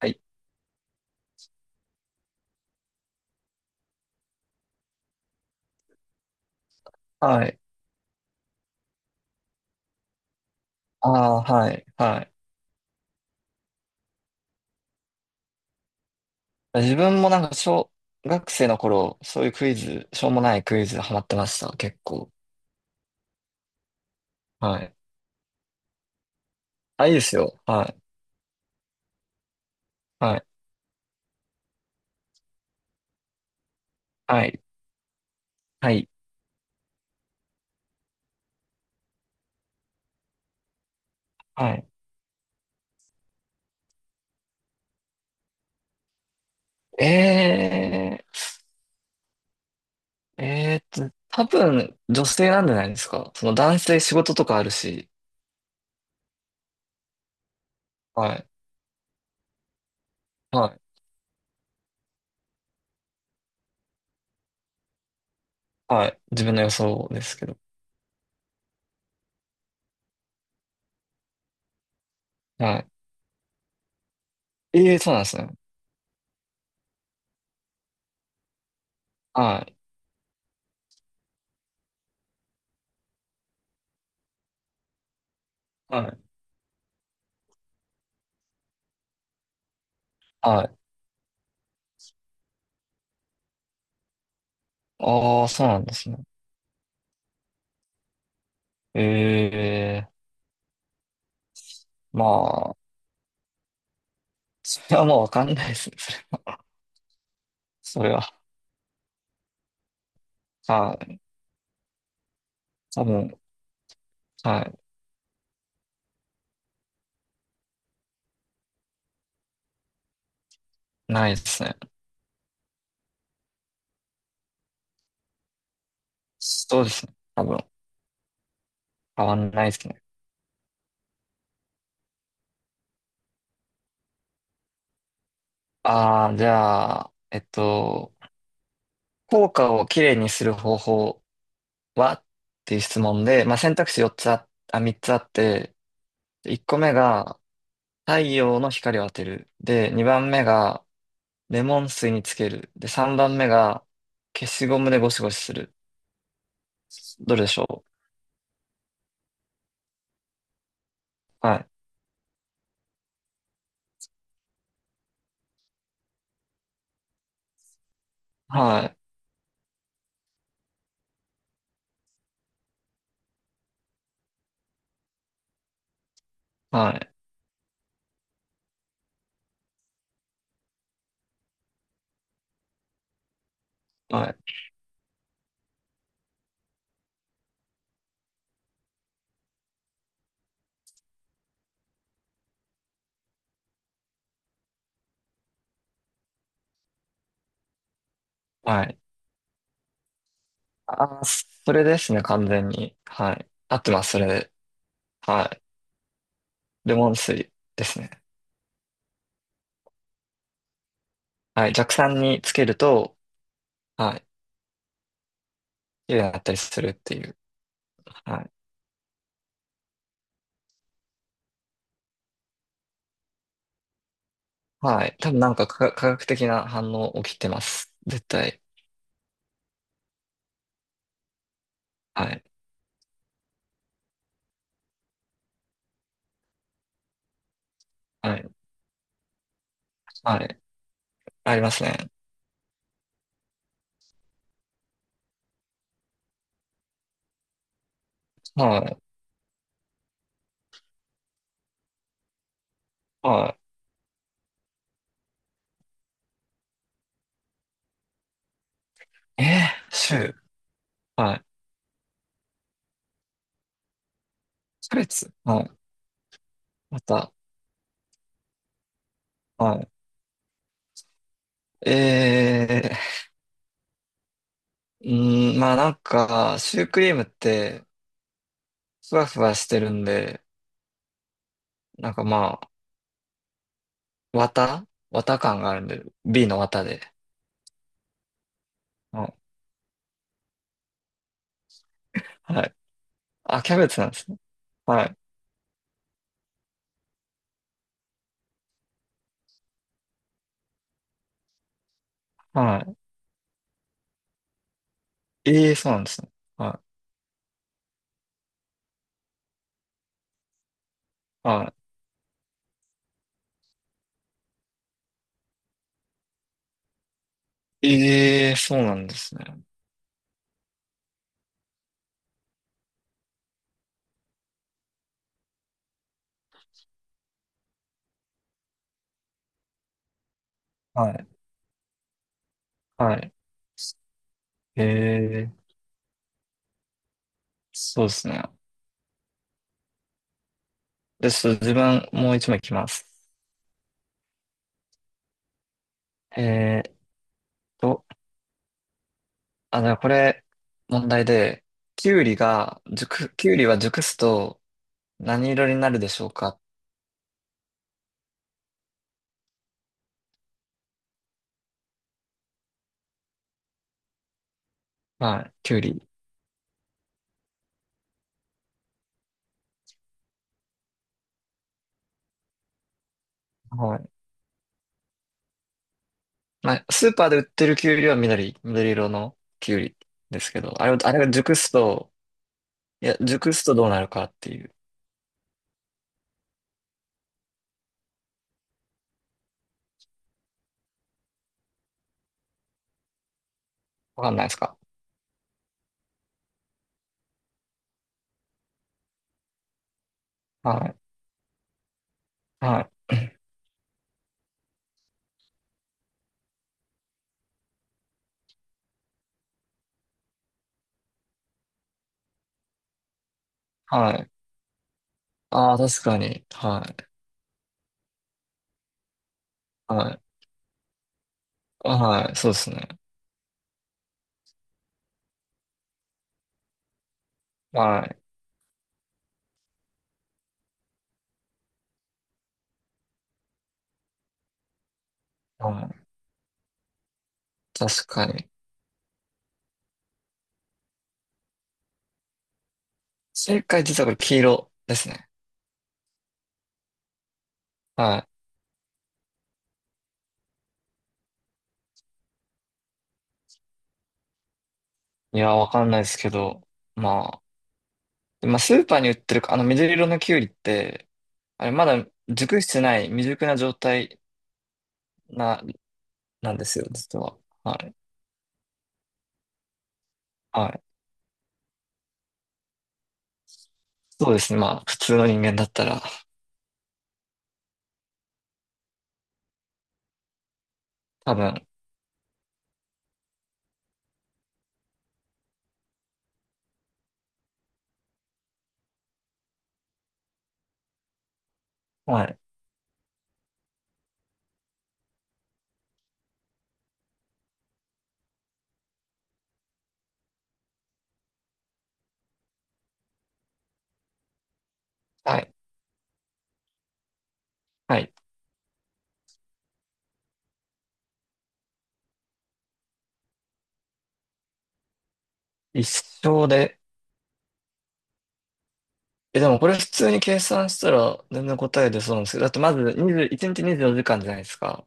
はい。はい。ああ、はい。はい。自分もなんか小学生の頃、そういうクイズ、しょうもないクイズハマってました。結構。はい。あ、いいですよ。はい。はい。はい。はい。はい。え多分女性なんじゃないですか。その男性仕事とかあるし。はい。はい。はい。自分の予想ですけど。はい。ええー、そうなんですね。はい。はい。はい。ああ、そうなんですね。ええー、まあ。それはもうわかんないですね。それは。それは。はい。多分、はい。ないですね。そうですね。多分、変わんないですね。ああ、じゃあ、効果をきれいにする方法はっていう質問で、まあ、選択肢4つあ、あ、3つあって、1個目が太陽の光を当てる。で、2番目がレモン水につける。で、3番目が消しゴムでゴシゴシする。どれでしょう？はい。はい。はい。はい。はい。はい。あー、それですね、完全に。はい。合ってます、それで。はい。レモン水ですね。はい。弱酸につけると、はい。綺麗になったりするっていう。はい。はい。多分なんか科学的な反応起きてます。絶対。はい。はい。はい。ありますね。はい。はい。えー、シュー。はい。キャベツ。はい。また。はい。ー、うまあなんか、シュークリームって、ふわふわしてるんで、なんかまあ、綿綿感があるんで、B の綿で。うん。はい。あ、キャベツなんですね。はい。はい。ええ、そうなんですね。はい。はい。ええ、そうなんですね。はい。はい。ええ、そうですね。で、ちょっと自分、もう一枚いきます。えーっと、あ、じゃあこれ、問題で、キュウリは熟すと何色になるでしょうか？はい。キュウリ。はい。まあ、スーパーで売ってるキュウリは緑色のキュウリですけど、あれを、あれが熟すと、いや、熟すとどうなるかっていう、わかんないですか？はい、はい、はい。ああ、確かに。はい、はい、はい、そうですね。はい、はい、確かに。正解実はこれ黄色ですね。はい。いや、わかんないですけど、ままあ、スーパーに売ってるか、あの緑色のキュウリって、あれ、まだ熟してない、未熟な状態な、なんですよ、実は。はい。はい。そうですね。まあ、普通の人間だったら、多分、はい、はい、はい。一生で、え、でもこれ普通に計算したら全然答え出そうなんですけど、だってまず20、1日24時間じゅうよじかんじゃないですか。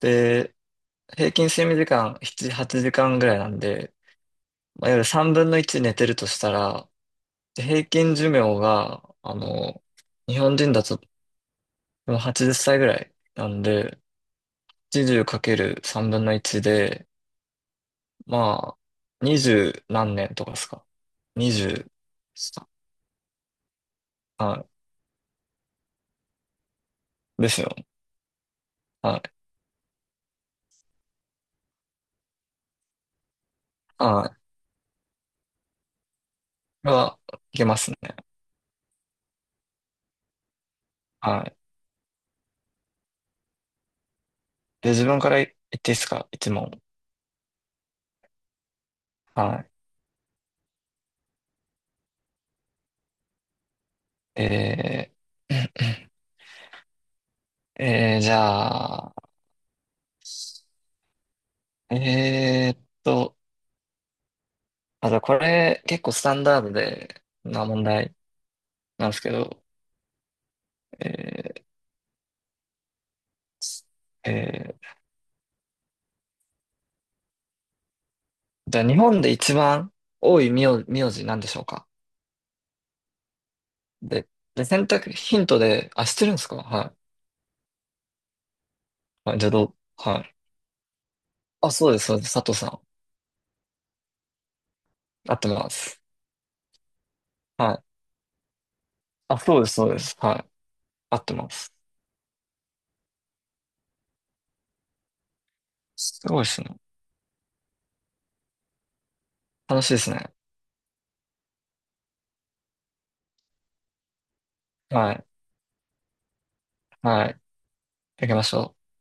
で、平均睡眠時間7、8時間ぐらいなんで、まあ、いわゆる3分の1寝てるとしたら、で平均寿命が、あの、日本人だとでも80歳ぐらいなんで、80かける3分の1で、まあ、二十何年とかですか？二十、はい。ですよね。はい。はい。は、いけますね。はい。で、自分から言っていいですか、一問。はい。ー、じゃあ、えーっと、あ、じゃあこれ結構スタンダードでな問題なんですけど、えー、えじゃあ日本で一番多い名字なんでしょうか？で、で、選択ヒントで、あ、知ってるんですか？はい。あ、じゃあどう、はい。あ、そうです、そうです。佐藤さん。合ってます。はい。あ、そうです、そうです。はい。合ってます。すごいですね。楽しいですね。はい。はい。やりましょう。